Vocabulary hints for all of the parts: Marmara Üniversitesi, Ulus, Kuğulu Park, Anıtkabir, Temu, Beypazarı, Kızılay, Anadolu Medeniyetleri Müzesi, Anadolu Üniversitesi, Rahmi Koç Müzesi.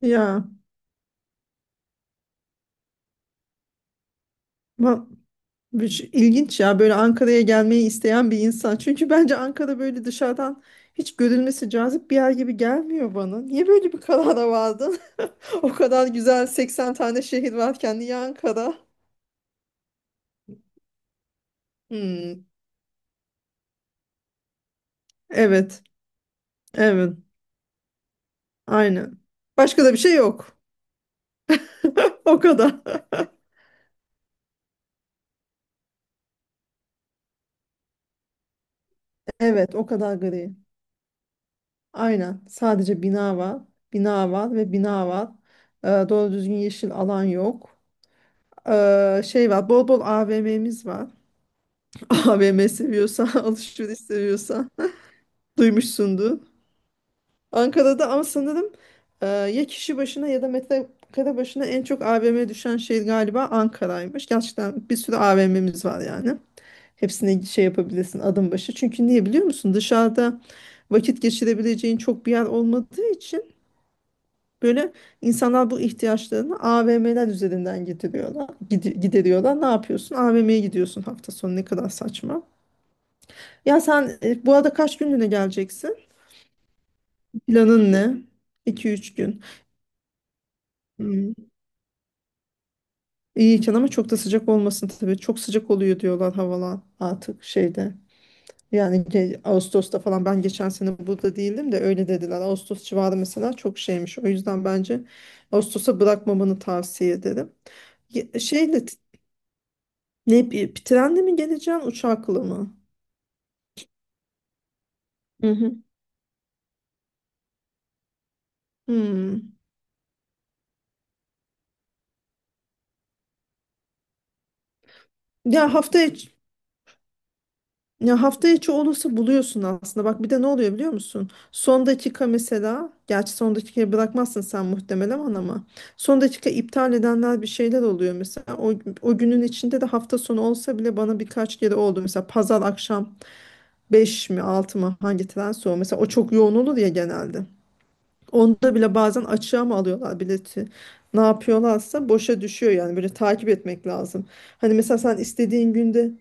Ya va- ilginç ya böyle Ankara'ya gelmeyi isteyen bir insan. Çünkü bence Ankara böyle dışarıdan hiç görülmesi cazip bir yer gibi gelmiyor bana. Niye böyle bir karara vardın? O kadar güzel 80 tane şehir varken niye Ankara? Hmm, evet, evet, aynen. Başka da bir şey yok. O kadar. Evet, o kadar gri. Aynen. Sadece bina var. Bina var ve bina var. Doğru düzgün yeşil alan yok. Şey var, bol bol AVM'miz var. AVM seviyorsan alışveriş seviyorsan duymuşsundur. Ankara'da ama sanırım ya kişi başına ya da metrekare başına en çok AVM düşen şehir galiba Ankara'ymış. Gerçekten bir sürü AVM'miz var yani. Hepsini şey yapabilirsin, adım başı. Çünkü niye biliyor musun? Dışarıda vakit geçirebileceğin çok bir yer olmadığı için böyle insanlar bu ihtiyaçlarını AVM'ler üzerinden gideriyorlar. Ne yapıyorsun? AVM'ye gidiyorsun hafta sonu. Ne kadar saçma. Ya sen, bu arada kaç günlüğüne geleceksin? Planın ne? 2 üç gün. Hmm. İyiyken ama çok da sıcak olmasın tabii. Çok sıcak oluyor diyorlar havalar artık şeyde. Yani Ağustos'ta falan, ben geçen sene burada değildim de öyle dediler. Ağustos civarı mesela çok şeymiş. O yüzden bence Ağustos'a bırakmamanı tavsiye ederim. Şeyle, ne, bir trenle mi geleceksin, uçakla mı? Hı hı. Hmm. Ya hafta içi, ya hafta içi olursa buluyorsun aslında. Bak, bir de ne oluyor biliyor musun? Son dakika mesela, gerçi son dakikaya bırakmazsın sen muhtemelen, ama son dakika iptal edenler bir şeyler oluyor mesela. O, o günün içinde de hafta sonu olsa bile, bana birkaç kere oldu. Mesela pazar akşam 5 mi 6 mı, hangi trense o. Mesela o çok yoğun olur ya genelde. Onda bile bazen açığa mı alıyorlar bileti? Ne yapıyorlarsa boşa düşüyor, yani böyle takip etmek lazım. Hani mesela sen istediğin günde,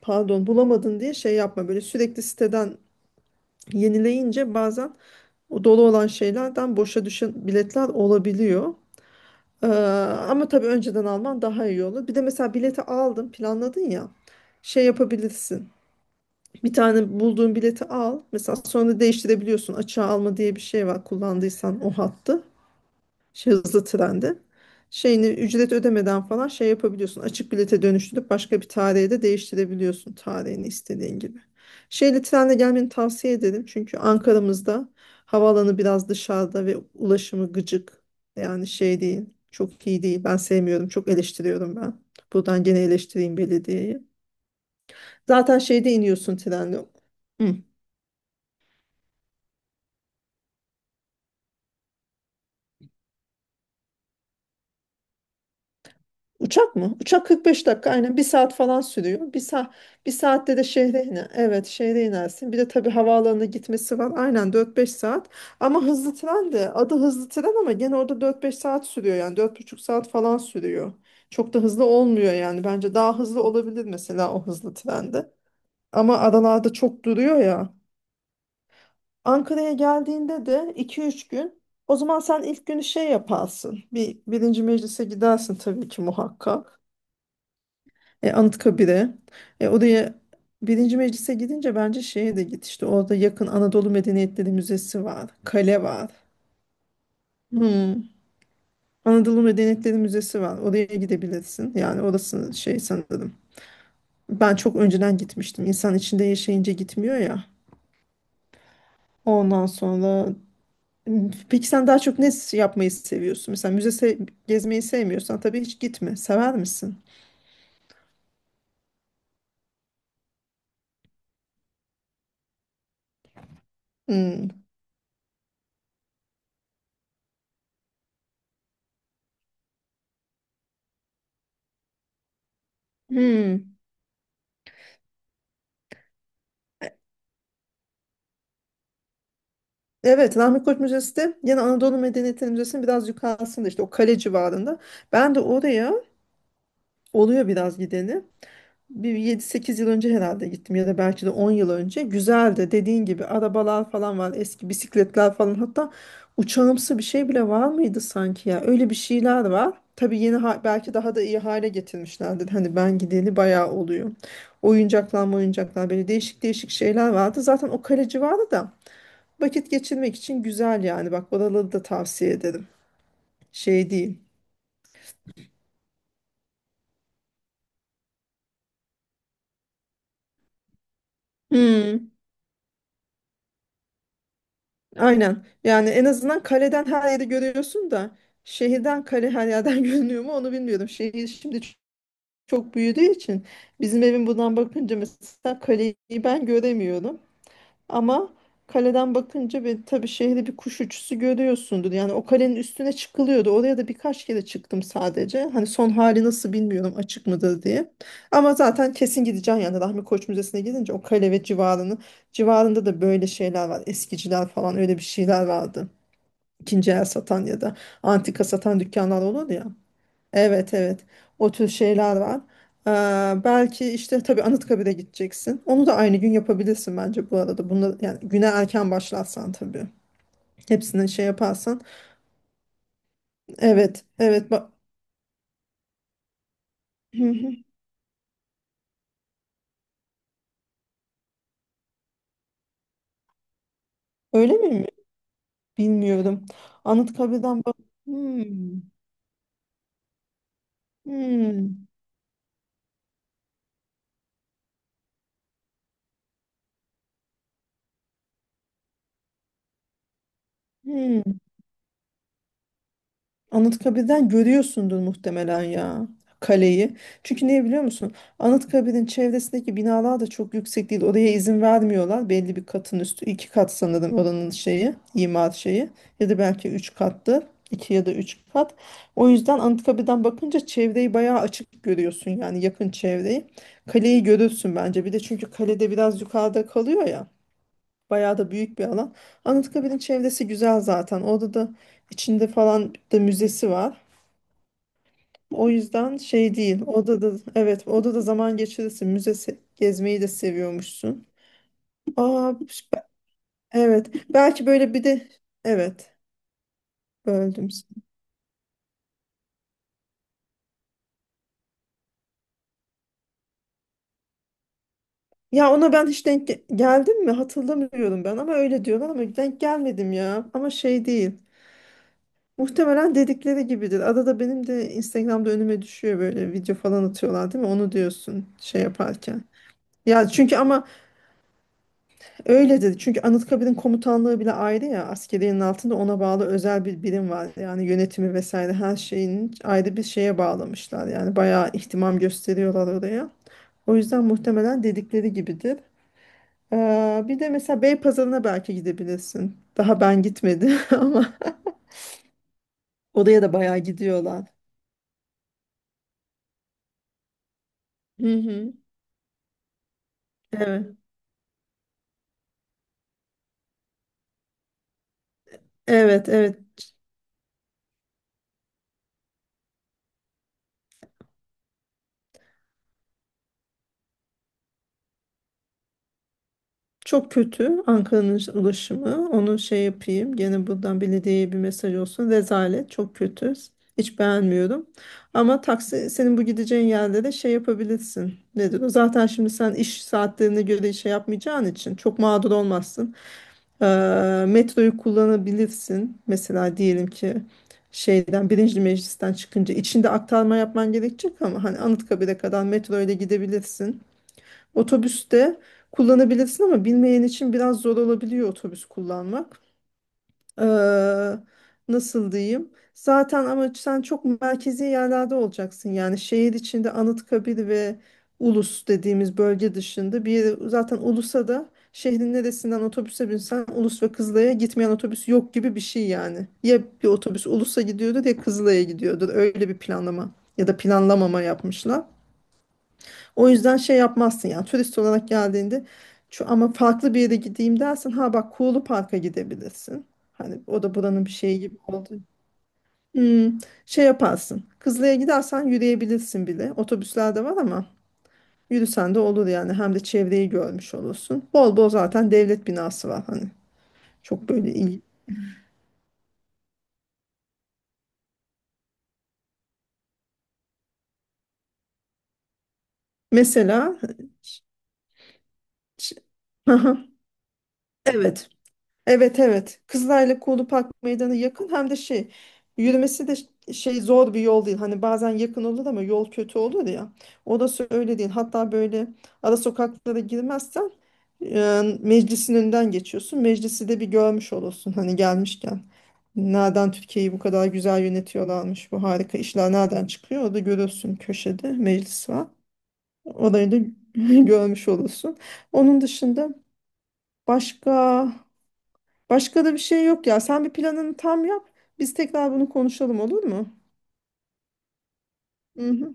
pardon, bulamadın diye şey yapma, böyle sürekli siteden yenileyince bazen o dolu olan şeylerden boşa düşen biletler olabiliyor. Ee, Ama tabii önceden alman daha iyi olur. Bir de mesela bileti aldın, planladın ya, şey yapabilirsin. Bir tane bulduğun bileti al. Mesela sonra değiştirebiliyorsun. Açığa alma diye bir şey var, kullandıysan o hattı. Şey, hızlı trende şeyini ücret ödemeden falan şey yapabiliyorsun. Açık bilete dönüştürüp başka bir tarihe de değiştirebiliyorsun, tarihini istediğin gibi. Şeyli trenle gelmeni tavsiye ederim. Çünkü Ankara'mızda havaalanı biraz dışarıda ve ulaşımı gıcık. Yani şey değil. Çok iyi değil. Ben sevmiyorum. Çok eleştiriyorum ben. Buradan gene eleştireyim belediyeyi. Zaten şeyde iniyorsun trenle. Hı. Uçak mı? Uçak 45 dakika, aynen bir saat falan sürüyor. Bir saat, bir saatte de şehre iner. Evet, şehre inersin. Bir de tabii havaalanına gitmesi var. Aynen, 4-5 saat. Ama hızlı tren de, adı hızlı tren ama gene orada 4-5 saat sürüyor, yani 4,5 saat falan sürüyor. Çok da hızlı olmuyor yani. Bence daha hızlı olabilir mesela o hızlı trende. Ama aralarda çok duruyor ya. Ankara'ya geldiğinde de 2-3 gün, o zaman sen ilk günü şey yaparsın. Bir, birinci meclise gidersin tabii ki, muhakkak. Anıtkabir'e. Oraya, birinci meclise gidince bence şeye de git, işte orada yakın Anadolu Medeniyetleri Müzesi var. Kale var. Hmm. Anadolu Medeniyetleri Müzesi var. Oraya gidebilirsin. Yani orası şey sanırım. Ben çok önceden gitmiştim. İnsan içinde yaşayınca gitmiyor ya. Ondan sonra, peki sen daha çok ne yapmayı seviyorsun? Mesela müze gezmeyi sevmiyorsan tabii hiç gitme. Sever misin? Hmm. Hmm. Evet, Rahmi Koç Müzesi de yine Anadolu Medeniyetleri Müzesi'nin biraz yukarısında, işte o kale civarında. Ben de oraya oluyor biraz gideni. Bir 7-8 yıl önce herhalde gittim, ya da belki de 10 yıl önce. Güzeldi, dediğin gibi arabalar falan var, eski bisikletler falan, hatta uçağımsı bir şey bile var mıydı sanki, ya öyle bir şeyler var. Tabii yeni belki daha da iyi hale getirmişlerdir. Hani ben gideli bayağı oluyor. Oyuncaklar, oyuncaklar, böyle değişik değişik şeyler vardı. Zaten o kale civarı da vakit geçirmek için güzel yani. Bak, oraları da tavsiye ederim. Şey değil. Hmm. Aynen. Yani en azından kaleden her yeri görüyorsun da, şehirden kale her yerden görünüyor mu onu bilmiyorum. Şehir şimdi çok büyüdüğü için bizim evin buradan bakınca mesela kaleyi ben göremiyorum. Ama kaleden bakınca bir, tabii şehri bir kuş uçuşu görüyorsundur. Yani o kalenin üstüne çıkılıyordu. Oraya da birkaç kere çıktım sadece. Hani son hali nasıl bilmiyorum, açık mıdır diye. Ama zaten kesin gideceğim yani, Rahmi Koç Müzesi'ne gidince o kale ve civarını, civarında da böyle şeyler var. Eskiciler falan, öyle bir şeyler vardı. İkinci el satan ya da antika satan dükkanlar olur ya. Evet, evet, o tür şeyler var. Belki işte, tabii Anıtkabir'e gideceksin. Onu da aynı gün yapabilirsin bence bu arada. Bunu, yani güne erken başlarsan tabii. Hepsini şey yaparsan. Evet, evet, bak. Hı hı. Öyle mi? Bilmiyorum. Anıtkabir'den bak. Hmm, hmm, hmm. Anıtkabir'den görüyorsundur muhtemelen ya, kaleyi. Çünkü niye biliyor musun? Anıtkabir'in çevresindeki binalar da çok yüksek değil. Oraya izin vermiyorlar. Belli bir katın üstü. İki kat sanırım oranın şeyi, imar şeyi. Ya da belki üç kattı. İki ya da üç kat. O yüzden Anıtkabir'den bakınca çevreyi bayağı açık görüyorsun, yani yakın çevreyi. Kaleyi görürsün bence. Bir de çünkü kalede biraz yukarıda kalıyor ya. Bayağı da büyük bir alan. Anıtkabir'in çevresi güzel zaten. Orada da içinde falan da müzesi var. O yüzden şey değil. Orada da, evet, orada da zaman geçirirsin. Müzesi gezmeyi de seviyormuşsun. Aa, süper. Evet. Belki böyle bir de evet, böldüm seni. Ya ona ben hiç denk geldim mi hatırlamıyorum ben, ama öyle diyorlar, ama denk gelmedim ya. Ama şey değil. Muhtemelen dedikleri gibidir. Arada benim de Instagram'da önüme düşüyor böyle, video falan atıyorlar değil mi? Onu diyorsun şey yaparken. Ya çünkü ama öyle dedi. Çünkü Anıtkabir'in komutanlığı bile ayrı ya, askeriyenin altında ona bağlı özel bir birim var. Yani yönetimi vesaire her şeyin ayrı bir şeye bağlamışlar. Yani bayağı ihtimam gösteriyorlar oraya. O yüzden muhtemelen dedikleri gibidir. Bir de mesela Beypazarı'na belki gidebilirsin. Daha ben gitmedim ama oraya da bayağı gidiyorlar. Hı hı. Evet. Evet, evet. Çok kötü Ankara'nın ulaşımı. Onu şey yapayım. Gene buradan belediyeye bir mesaj olsun. Rezalet. Çok kötü. Hiç beğenmiyorum. Ama taksi, senin bu gideceğin yerde de şey yapabilirsin. Nedir o? Zaten şimdi sen iş saatlerine göre şey yapmayacağın için çok mağdur olmazsın. Metroyu kullanabilirsin. Mesela diyelim ki şeyden, birinci meclisten çıkınca içinde aktarma yapman gerekecek ama hani Anıtkabir'e kadar metro ile gidebilirsin. Otobüste kullanabilirsin ama bilmeyen için biraz zor olabiliyor otobüs kullanmak. Ee, Nasıl diyeyim? Zaten ama sen çok merkezi yerlerde olacaksın. Yani şehir içinde Anıtkabir ve Ulus dediğimiz bölge dışında bir yere, zaten Ulus'a da, şehrin neresinden otobüse binsen Ulus ve Kızılay'a gitmeyen otobüs yok gibi bir şey yani. Ya bir otobüs Ulus'a gidiyordur ya Kızılay'a gidiyordur. Öyle bir planlama ya da planlamama yapmışlar. O yüzden şey yapmazsın yani turist olarak geldiğinde, şu ama farklı bir yere gideyim dersin. Ha bak, Kuğulu Park'a gidebilirsin. Hani o da buranın bir şeyi gibi oldu. Hmm, şey yaparsın. Kızılay'a gidersen yürüyebilirsin bile. Otobüsler de var ama yürüsen de olur yani. Hem de çevreyi görmüş olursun. Bol bol zaten devlet binası var hani. Çok böyle iyi. Mesela ç- ç- evet, evet, evet. Kızılay'la Kuğulu Park Meydanı yakın, hem de şey, yürümesi de şey zor bir yol değil. Hani bazen yakın olur ama yol kötü olur ya. Orası öyle değil. Hatta böyle ara sokaklara girmezsen, meclisin önünden geçiyorsun. Meclisi de bir görmüş olursun hani gelmişken. Nereden Türkiye'yi bu kadar güzel yönetiyorlarmış. Bu harika işler nereden çıkıyor? Orada görürsün, köşede meclis var. Orayı da görmüş olursun. Onun dışında başka, başka da bir şey yok ya. Sen bir planını tam yap. Biz tekrar bunu konuşalım, olur mu? Hı hı.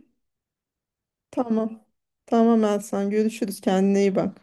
Tamam. Tamam Elsan. Görüşürüz. Kendine iyi bak.